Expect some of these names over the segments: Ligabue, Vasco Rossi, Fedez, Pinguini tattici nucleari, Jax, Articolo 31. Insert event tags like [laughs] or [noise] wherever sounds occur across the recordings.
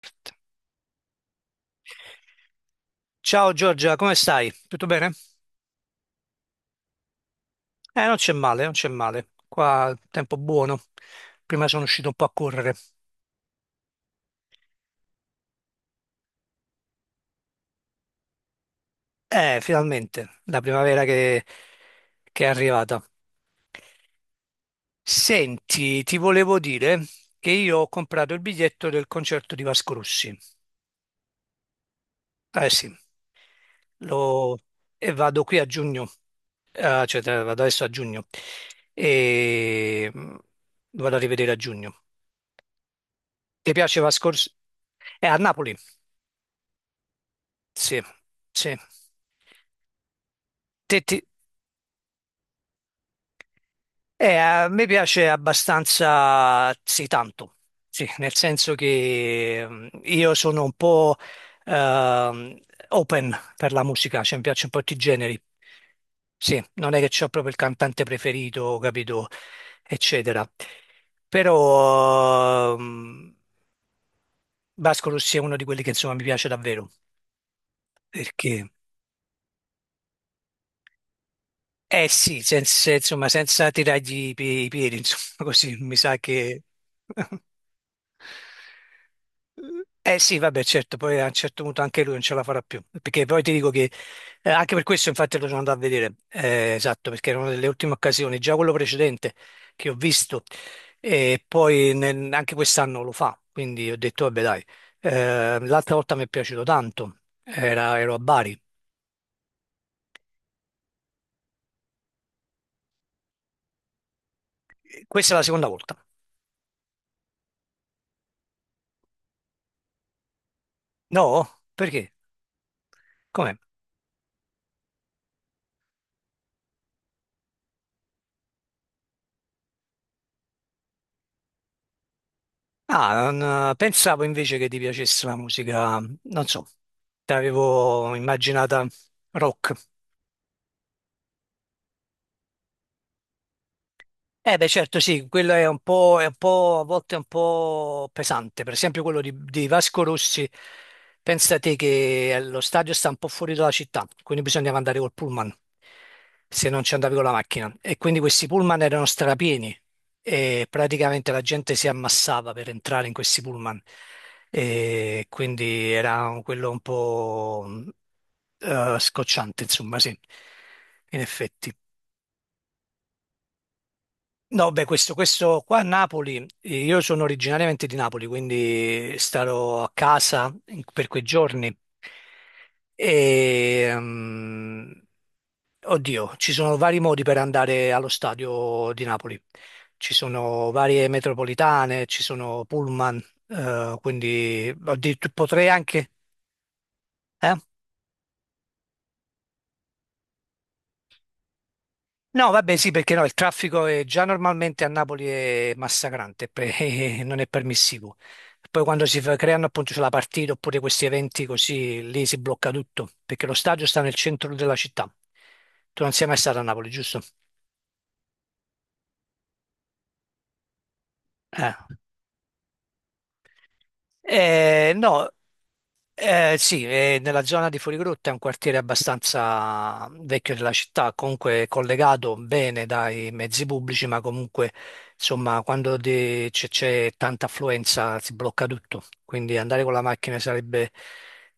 Perfetto. Ciao Giorgia, come stai? Tutto bene? Non c'è male, non c'è male. Qua tempo buono. Prima sono uscito un po' a correre. Finalmente, la primavera che è arrivata. Senti, ti volevo dire che io ho comprato il biglietto del concerto di Vasco Rossi. Eh sì, lo- e vado qui a giugno. Cioè, vado adesso a giugno e, lo vado a rivedere a giugno. Ti piace Vasco Rossi? È a Napoli. Sì, sì. Te- ti- a me piace abbastanza, sì, tanto, sì, nel senso che, io sono un po' ehm, open per la musica, cioè mi piacciono un po' tutti i generi. Sì, non è che c'ho proprio il cantante preferito, capito, eccetera. Però Vasco Rossi è uno di quelli che insomma mi piace davvero, perché. Eh sì, senza, insomma, senza tirargli i piedi, insomma, [laughs] così mi sa che. Eh sì, vabbè, certo, poi a un certo punto anche lui non ce la farà più, perché poi ti dico che, anche per questo infatti lo sono andato a vedere, esatto, perché era una delle ultime occasioni, già quello precedente che ho visto, e poi anche quest'anno lo fa, quindi ho detto, vabbè dai. L'altra volta mi è piaciuto tanto. Ero a Bari, questa è la seconda volta. No? Perché? Com'è? Ah, pensavo invece che ti piacesse la musica, non so, ti avevo immaginata rock. Eh beh certo sì, quello è un po', a volte è un po' pesante, per esempio quello di Vasco Rossi, pensa te che, lo stadio sta un po' fuori dalla città, quindi bisognava andare col pullman, se non ci andavi con la macchina, e quindi questi pullman erano strapieni e praticamente la gente si ammassava per entrare in questi pullman, e quindi era quello un po' scocciante insomma sì, in effetti. No, beh, questo qua a Napoli, io sono originariamente di Napoli, quindi starò a casa per quei giorni. E, oddio, ci sono vari modi per andare allo stadio di Napoli. Ci sono varie metropolitane, ci sono pullman, quindi oddio, potrei anche. Eh? No, vabbè, sì, perché no, il traffico è già normalmente a Napoli è massacrante, [laughs] non è permissivo. Poi quando creano appunto c'è la partita oppure questi eventi così, lì si blocca tutto, perché lo stadio sta nel centro della città. Tu non sei mai stato a Napoli, giusto? Eh. Eh no, eh sì, nella zona di Fuorigrotta è un quartiere abbastanza vecchio della città, comunque collegato bene dai mezzi pubblici, ma comunque insomma quando c'è tanta affluenza si blocca tutto, quindi andare con la macchina sarebbe,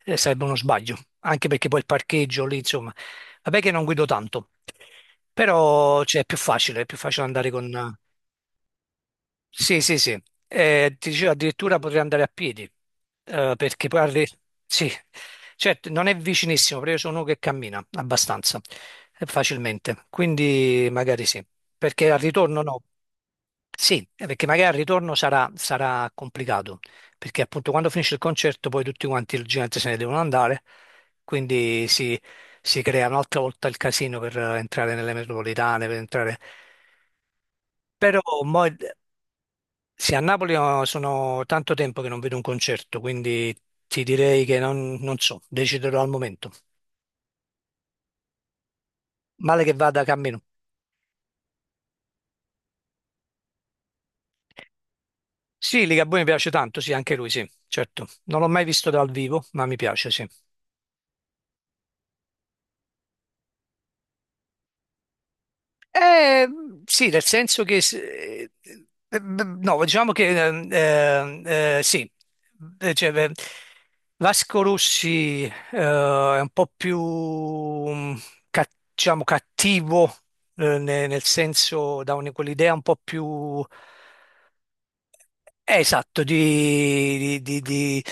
eh, sarebbe uno sbaglio, anche perché poi il parcheggio lì, insomma, vabbè che non guido tanto, però cioè, è più facile andare con. Sì, sì, sì. Ti dicevo, addirittura potrei andare a piedi, perché poi arri. Sì, certo, non è vicinissimo, però io sono uno che cammina abbastanza facilmente, quindi magari sì, perché al ritorno no. Sì, perché magari al ritorno sarà complicato, perché appunto quando finisce il concerto poi tutti quanti il gente se ne devono andare, quindi si crea un'altra volta il casino per entrare nelle metropolitane, per entrare. Però mo, sì, a Napoli oh, sono tanto tempo che non vedo un concerto, quindi ti direi che non so, deciderò al momento. Male che vada, cammino. Sì, Ligabue mi piace tanto, sì, anche lui, sì, certo. Non l'ho mai visto dal vivo, ma mi piace, sì. Eh, sì, nel senso che, s- no, diciamo che, sì. Beh, Vasco Rossi, è un po' più, ca- diciamo, cattivo, nel senso, quell'idea un po' più, esatto,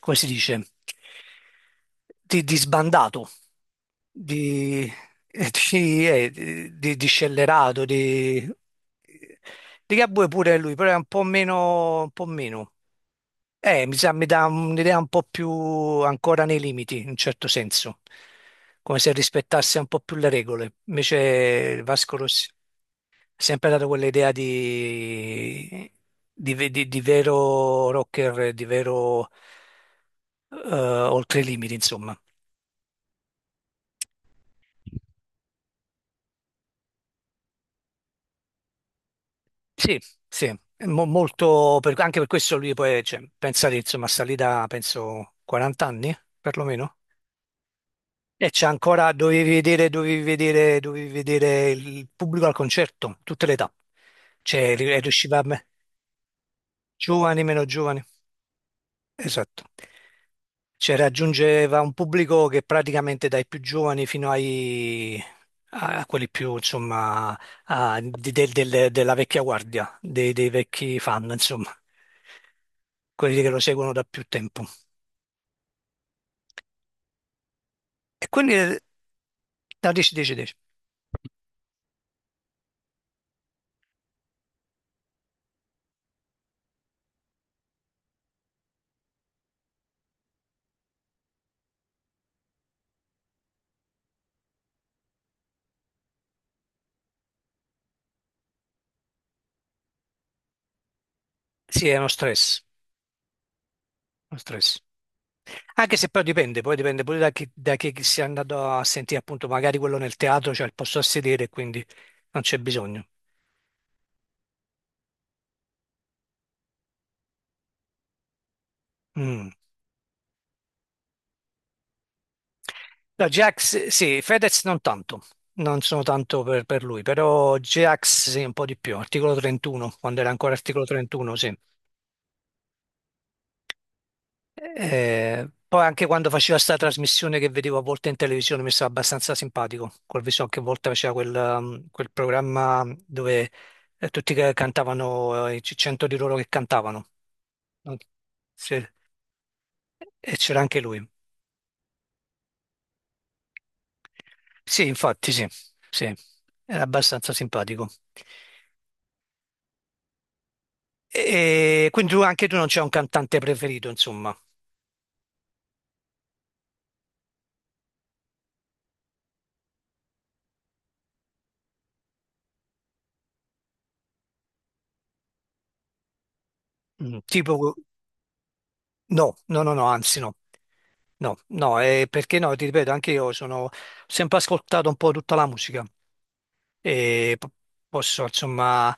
come si dice? Di sbandato, di, di scellerato, di Gabue pure lui, però è un po' meno, un po' meno. Mi sa, mi dà un'idea un po' più ancora nei limiti, in un certo senso, come se rispettasse un po' più le regole. Invece Vasco Rossi sempre dato quell'idea di, di vero rocker, di vero, oltre i limiti, insomma. Sì, sì, è molto, anche per questo lui poi, cioè, pensate, insomma, sta lì da, penso, 40 anni, perlomeno. E c'è ancora, dovevi vedere, dovevi vedere, dovevi vedere il pubblico al concerto, tutte le età. Cioè, riusciva a me, giovani, meno giovani. Esatto. Cioè, raggiungeva un pubblico che praticamente dai più giovani fino ai a quelli più, insomma, della vecchia guardia, dei vecchi fan, insomma, quelli che lo seguono da più tempo. E quindi da 10, 10, 10. Sì, è uno stress, uno stress. Anche se poi dipende pure da chi si è andato a sentire, appunto, magari quello nel teatro c'è il posto a sedere, quindi non c'è bisogno. Mm. No, Jax, sì, Fedez non tanto, non sono tanto per lui, però Jax sì, un po' di più, articolo 31, quando era ancora articolo 31, sì. Poi anche quando faceva sta trasmissione che vedevo a volte in televisione mi stava abbastanza simpatico, col viso anche a volte faceva quel programma dove, tutti che cantavano, i 100 di loro che cantavano, no? Sì. E c'era anche lui. Sì, infatti, sì, sì, era abbastanza simpatico. E quindi tu, anche tu non c'è un cantante preferito, insomma. Tipo, no, no, no, no, anzi no. No, no, perché no, ti ripeto, anche io sono ho sempre ascoltato un po' tutta la musica e posso, insomma,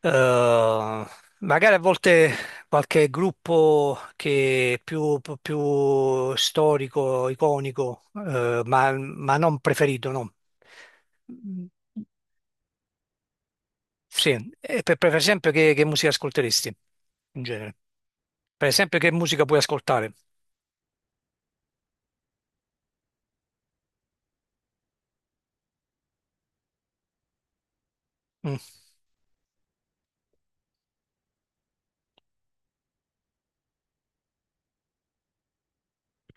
eh, magari a volte qualche gruppo che è più storico, iconico, ma non preferito, no. Sì, e per esempio che musica ascolteresti in genere? Per esempio che musica puoi ascoltare? Mm.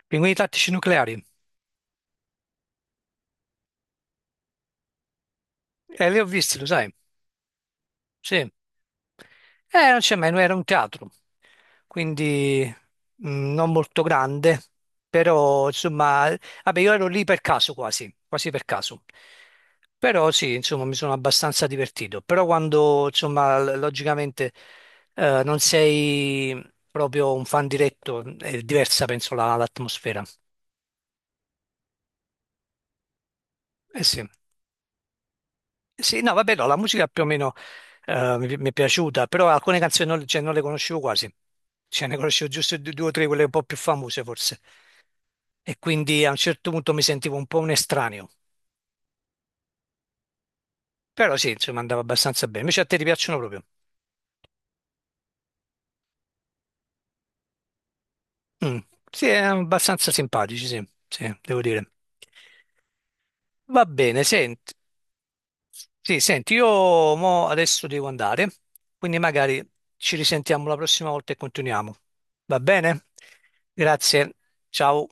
Pinguini tattici nucleari? Li ho visti, lo sai. Sì. Non c'è mai, era un teatro, quindi non molto grande, però insomma, vabbè, io ero lì per caso quasi, quasi per caso. Però sì, insomma, mi sono abbastanza divertito. Però quando, insomma, logicamente, non sei proprio un fan diretto, è diversa, penso, l'atmosfera. Eh sì. Sì, no, vabbè, no, la musica più o meno, mi è piaciuta, però alcune canzoni non, cioè, non le conoscevo quasi, cioè ne conoscevo giusto due o tre, quelle un po' più famose forse, e quindi a un certo punto mi sentivo un po' un estraneo, però sì, insomma andava abbastanza bene, invece a te ti piacciono proprio? Mm. Sì, abbastanza simpatici, sì, sì, devo dire. Va bene, senti. Sì, senti, io mo adesso devo andare, quindi magari ci risentiamo la prossima volta e continuiamo. Va bene? Grazie, ciao.